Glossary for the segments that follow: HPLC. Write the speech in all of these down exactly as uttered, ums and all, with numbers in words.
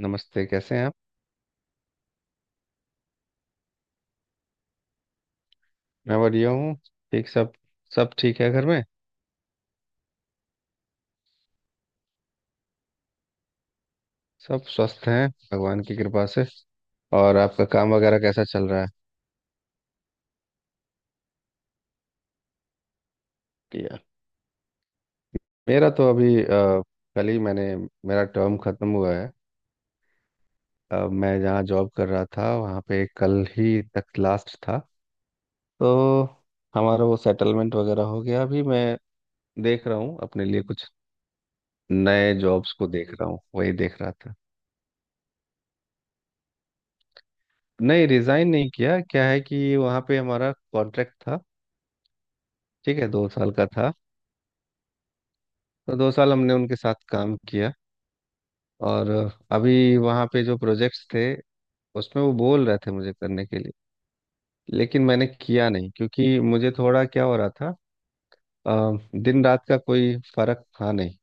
नमस्ते। कैसे हैं आप? मैं बढ़िया हूँ। ठीक सब। सब ठीक है घर में। सब स्वस्थ हैं भगवान की कृपा से। और आपका काम वगैरह कैसा चल रहा है? किया। मेरा तो अभी अ, कल ही मैंने मेरा टर्म खत्म हुआ है। अ, मैं जहाँ जॉब कर रहा था वहाँ पे कल ही तक लास्ट था। तो हमारा वो सेटलमेंट वगैरह हो गया। अभी मैं देख रहा हूँ अपने लिए कुछ नए जॉब्स को, देख रहा हूँ वही देख रहा था। नहीं, रिजाइन नहीं किया। क्या है कि वहाँ पे हमारा कॉन्ट्रैक्ट था। ठीक है, दो साल का था। तो दो साल हमने उनके साथ काम किया। और अभी वहाँ पे जो प्रोजेक्ट्स थे उसमें वो बोल रहे थे मुझे करने के लिए, लेकिन मैंने किया नहीं, क्योंकि मुझे थोड़ा क्या हो रहा था। अ, दिन रात का कोई फर्क था नहीं।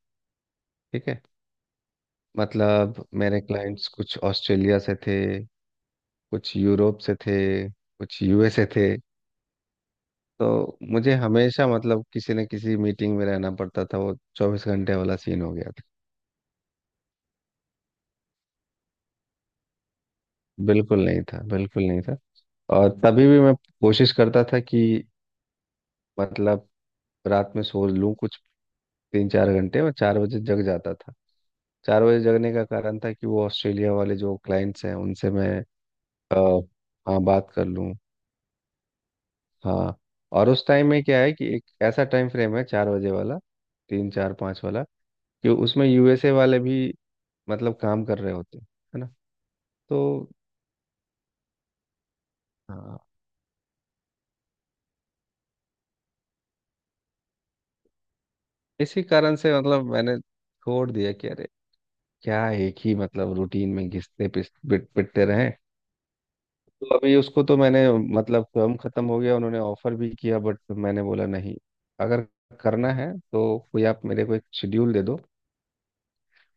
ठीक है। मतलब मेरे क्लाइंट्स कुछ ऑस्ट्रेलिया से थे, कुछ यूरोप से थे, कुछ यूएसए थे। तो मुझे हमेशा, मतलब, किसी न किसी मीटिंग में रहना पड़ता था। वो चौबीस घंटे वाला सीन हो गया था। बिल्कुल नहीं था, बिल्कुल नहीं था। और तभी भी मैं कोशिश करता था कि, मतलब, रात में सो लूं कुछ तीन चार घंटे। मैं चार बजे जग जाता था। चार बजे जगने का कारण था कि वो ऑस्ट्रेलिया वाले जो क्लाइंट्स हैं उनसे मैं अ, हाँ बात कर लूँ। हाँ। और उस टाइम में क्या है कि एक ऐसा टाइम फ्रेम है चार बजे वाला, तीन चार पाँच वाला, कि उसमें यूएसए वाले भी, मतलब, काम कर रहे होते हैं। है ना? तो हाँ, इसी कारण से मतलब मैंने छोड़ दिया कि अरे, क्या एक ही मतलब रूटीन में घिसते पिस- पिट पिटते रहे। तो अभी उसको तो मैंने, मतलब, स्वयं खत्म हो गया। उन्होंने ऑफर भी किया बट मैंने बोला नहीं। अगर करना है तो कोई आप मेरे को एक शेड्यूल दे दो।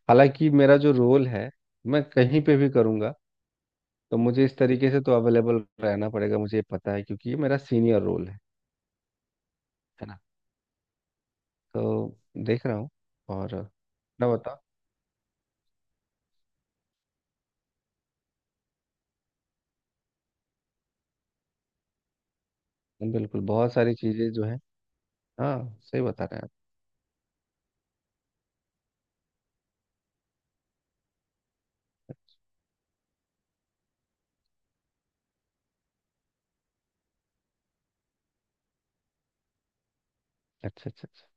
हालांकि मेरा जो रोल है, मैं कहीं पे भी करूँगा। तो मुझे इस तरीके से तो अवेलेबल रहना पड़ेगा, मुझे ये पता है, क्योंकि ये मेरा सीनियर रोल है। है ना? तो देख रहा हूँ। और ना बताओ। हाँ, बिल्कुल, बहुत सारी चीज़ें जो है। हाँ, सही बता रहे हैं आप। अच्छा, अच्छा, अच्छा।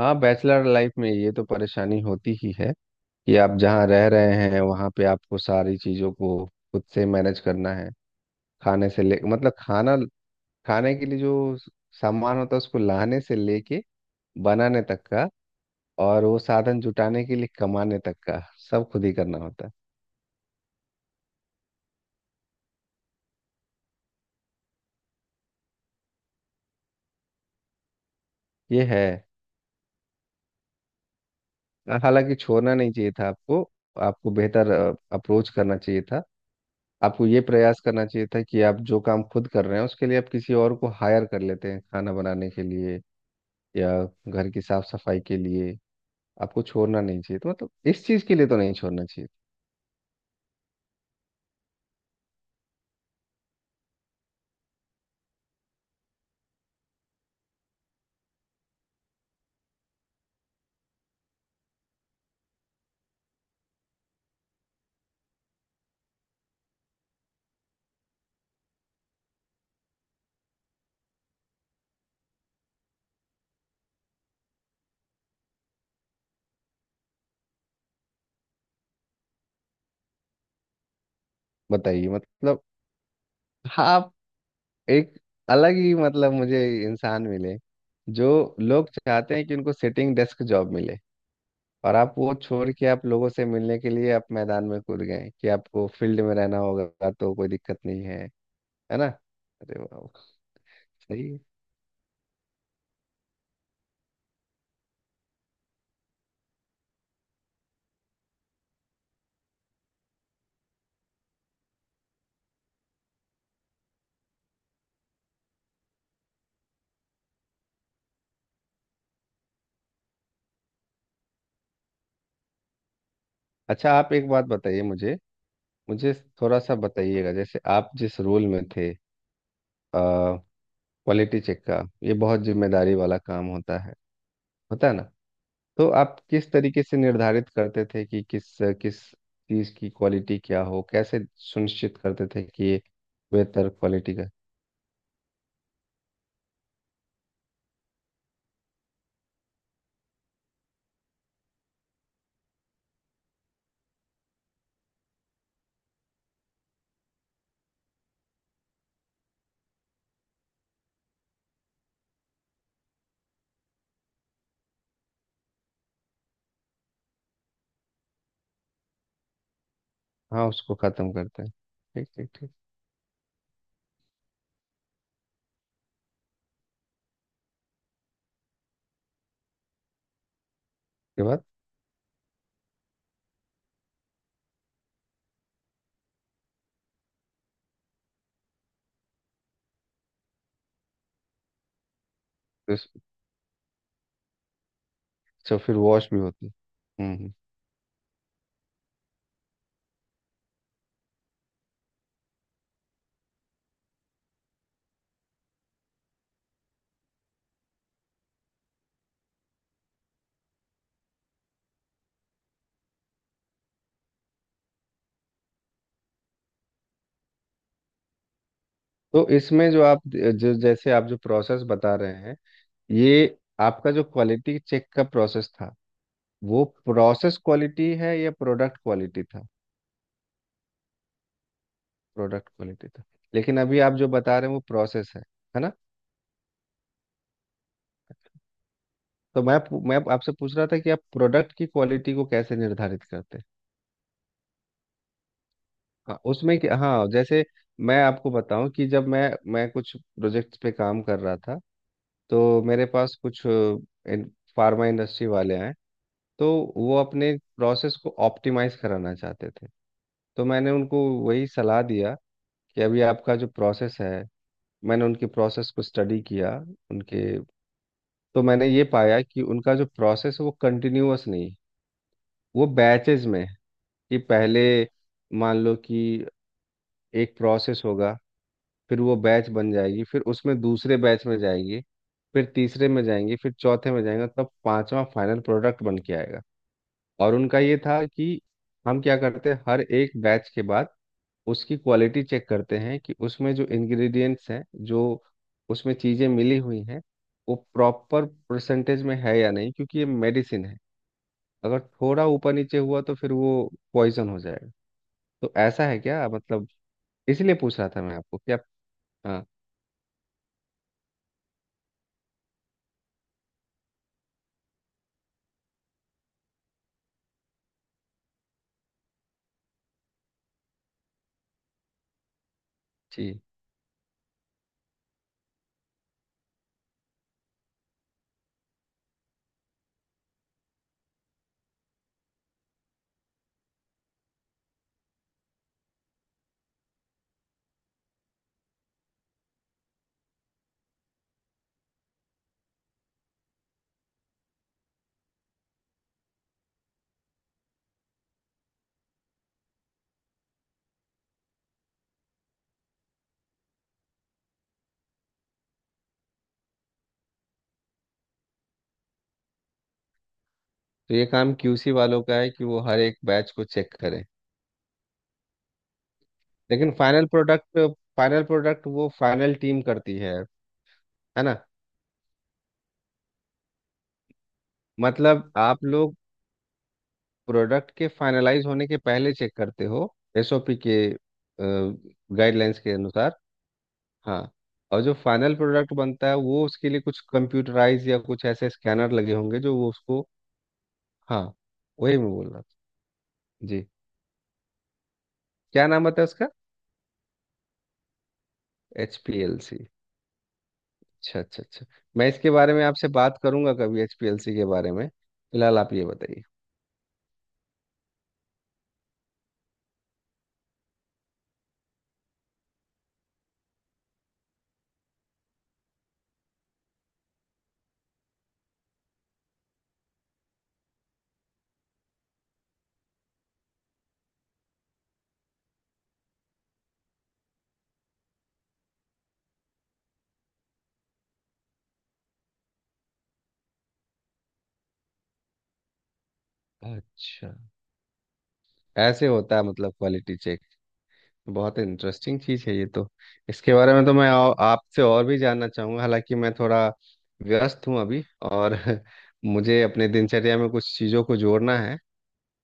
हाँ, बैचलर लाइफ में ये तो परेशानी होती ही है कि आप जहाँ रह रहे हैं वहाँ पे आपको सारी चीज़ों को खुद से मैनेज करना है। खाने से ले, मतलब, खाना खाने के लिए जो सामान होता है उसको लाने से लेके बनाने तक का। और वो साधन जुटाने के लिए कमाने तक का, सब खुद ही करना होता है। ये है। हालांकि छोड़ना नहीं चाहिए था आपको। आपको बेहतर अप्रोच करना चाहिए था। आपको ये प्रयास करना चाहिए था कि आप जो काम खुद कर रहे हैं उसके लिए आप किसी और को हायर कर लेते हैं, खाना बनाने के लिए या घर की साफ सफाई के लिए। आपको छोड़ना नहीं चाहिए, तो मतलब इस चीज के लिए तो नहीं छोड़ना चाहिए। बताइए, मतलब। हाँ आप, एक अलग ही, मतलब, मुझे इंसान मिले। जो लोग चाहते हैं कि उनको सिटिंग डेस्क जॉब मिले, और आप वो छोड़ के आप लोगों से मिलने के लिए आप मैदान में कूद गए, कि आपको फील्ड में रहना होगा तो कोई दिक्कत नहीं है। है ना? अरे वाह! सही है। अच्छा, आप एक बात बताइए मुझे। मुझे थोड़ा सा बताइएगा, जैसे आप जिस रोल में थे, क्वालिटी चेक का, ये बहुत जिम्मेदारी वाला काम होता है। होता है ना? तो आप किस तरीके से निर्धारित करते थे कि किस किस चीज की क्वालिटी क्या हो, कैसे सुनिश्चित करते थे कि ये बेहतर क्वालिटी का? हाँ, उसको खत्म करते हैं। ठीक, ठीक, ठीक। के बाद। तो इस- अच्छा, फिर वॉश भी होती है। हम्म, हम्म। तो इसमें जो आप जो जैसे आप जो प्रोसेस बता रहे हैं, ये आपका जो क्वालिटी चेक का प्रोसेस था, वो प्रोसेस क्वालिटी है या प्रोडक्ट क्वालिटी था? प्रोडक्ट क्वालिटी था, लेकिन अभी आप जो बता रहे हैं वो प्रोसेस है। है ना? तो मैं पू- मैं आपसे पूछ रहा था कि आप प्रोडक्ट की क्वालिटी को कैसे निर्धारित करते हैं। हाँ उसमें कि, हाँ जैसे मैं आपको बताऊं, कि जब मैं मैं कुछ प्रोजेक्ट्स पे काम कर रहा था, तो मेरे पास कुछ फार्मा इंडस्ट्री वाले आए। तो वो अपने प्रोसेस को ऑप्टिमाइज कराना चाहते थे। तो मैंने उनको वही सलाह दिया कि अभी आपका जो प्रोसेस है, मैंने उनके प्रोसेस को स्टडी किया उनके। तो मैंने ये पाया कि उनका जो प्रोसेस है वो कंटिन्यूअस नहीं है, वो बैचेज में है। कि पहले, मान लो कि एक प्रोसेस होगा, फिर वो बैच बन जाएगी, फिर उसमें दूसरे बैच में जाएंगे, फिर तीसरे में जाएंगे, फिर चौथे में जाएंगे, तब पांचवा फाइनल प्रोडक्ट बन के आएगा। और उनका ये था कि हम क्या करते हैं, हर एक बैच के बाद उसकी क्वालिटी चेक करते हैं कि उसमें जो इंग्रेडिएंट्स हैं, जो उसमें चीज़ें मिली हुई हैं, वो प्रॉपर परसेंटेज में है या नहीं, क्योंकि ये मेडिसिन है। अगर थोड़ा ऊपर नीचे हुआ तो फिर वो पॉइजन हो जाएगा। तो ऐसा है क्या, मतलब? इसीलिए पूछ रहा था मैं आपको कि आप, हाँ। जी। तो ये काम क्यूसी वालों का है कि वो हर एक बैच को चेक करें। लेकिन फाइनल प्रोडक्ट, फाइनल प्रोडक्ट वो फाइनल टीम करती है। है ना? मतलब आप लोग प्रोडक्ट के फाइनलाइज होने के पहले चेक करते हो, एसओपी के गाइडलाइंस के अनुसार। हाँ। और जो फाइनल प्रोडक्ट बनता है वो, उसके लिए कुछ कंप्यूटराइज या कुछ ऐसे स्कैनर लगे होंगे जो वो उसको? हाँ, वही मैं बोल रहा था। जी। क्या नाम बताया उसका? H P L C. अच्छा, अच्छा, अच्छा। मैं इसके बारे में आपसे बात करूंगा कभी, एच पी एल सी के बारे में। फिलहाल आप ये बताइए। अच्छा, ऐसे होता है मतलब क्वालिटी चेक। बहुत इंटरेस्टिंग चीज़ है ये तो। इसके बारे में तो मैं औ- आपसे और भी जानना चाहूंगा, हालांकि मैं थोड़ा व्यस्त हूँ अभी। और मुझे अपने दिनचर्या में कुछ चीज़ों को जोड़ना है।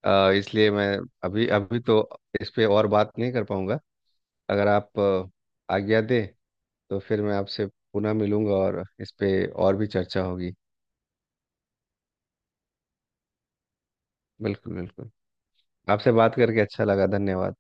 अ, इसलिए मैं अभी अभी तो इस पे और बात नहीं कर पाऊंगा। अगर आप अ, आज्ञा दें, तो फिर मैं आपसे पुनः मिलूंगा और इस पे और भी चर्चा होगी। बिल्कुल, बिल्कुल। आपसे बात करके अच्छा लगा, धन्यवाद।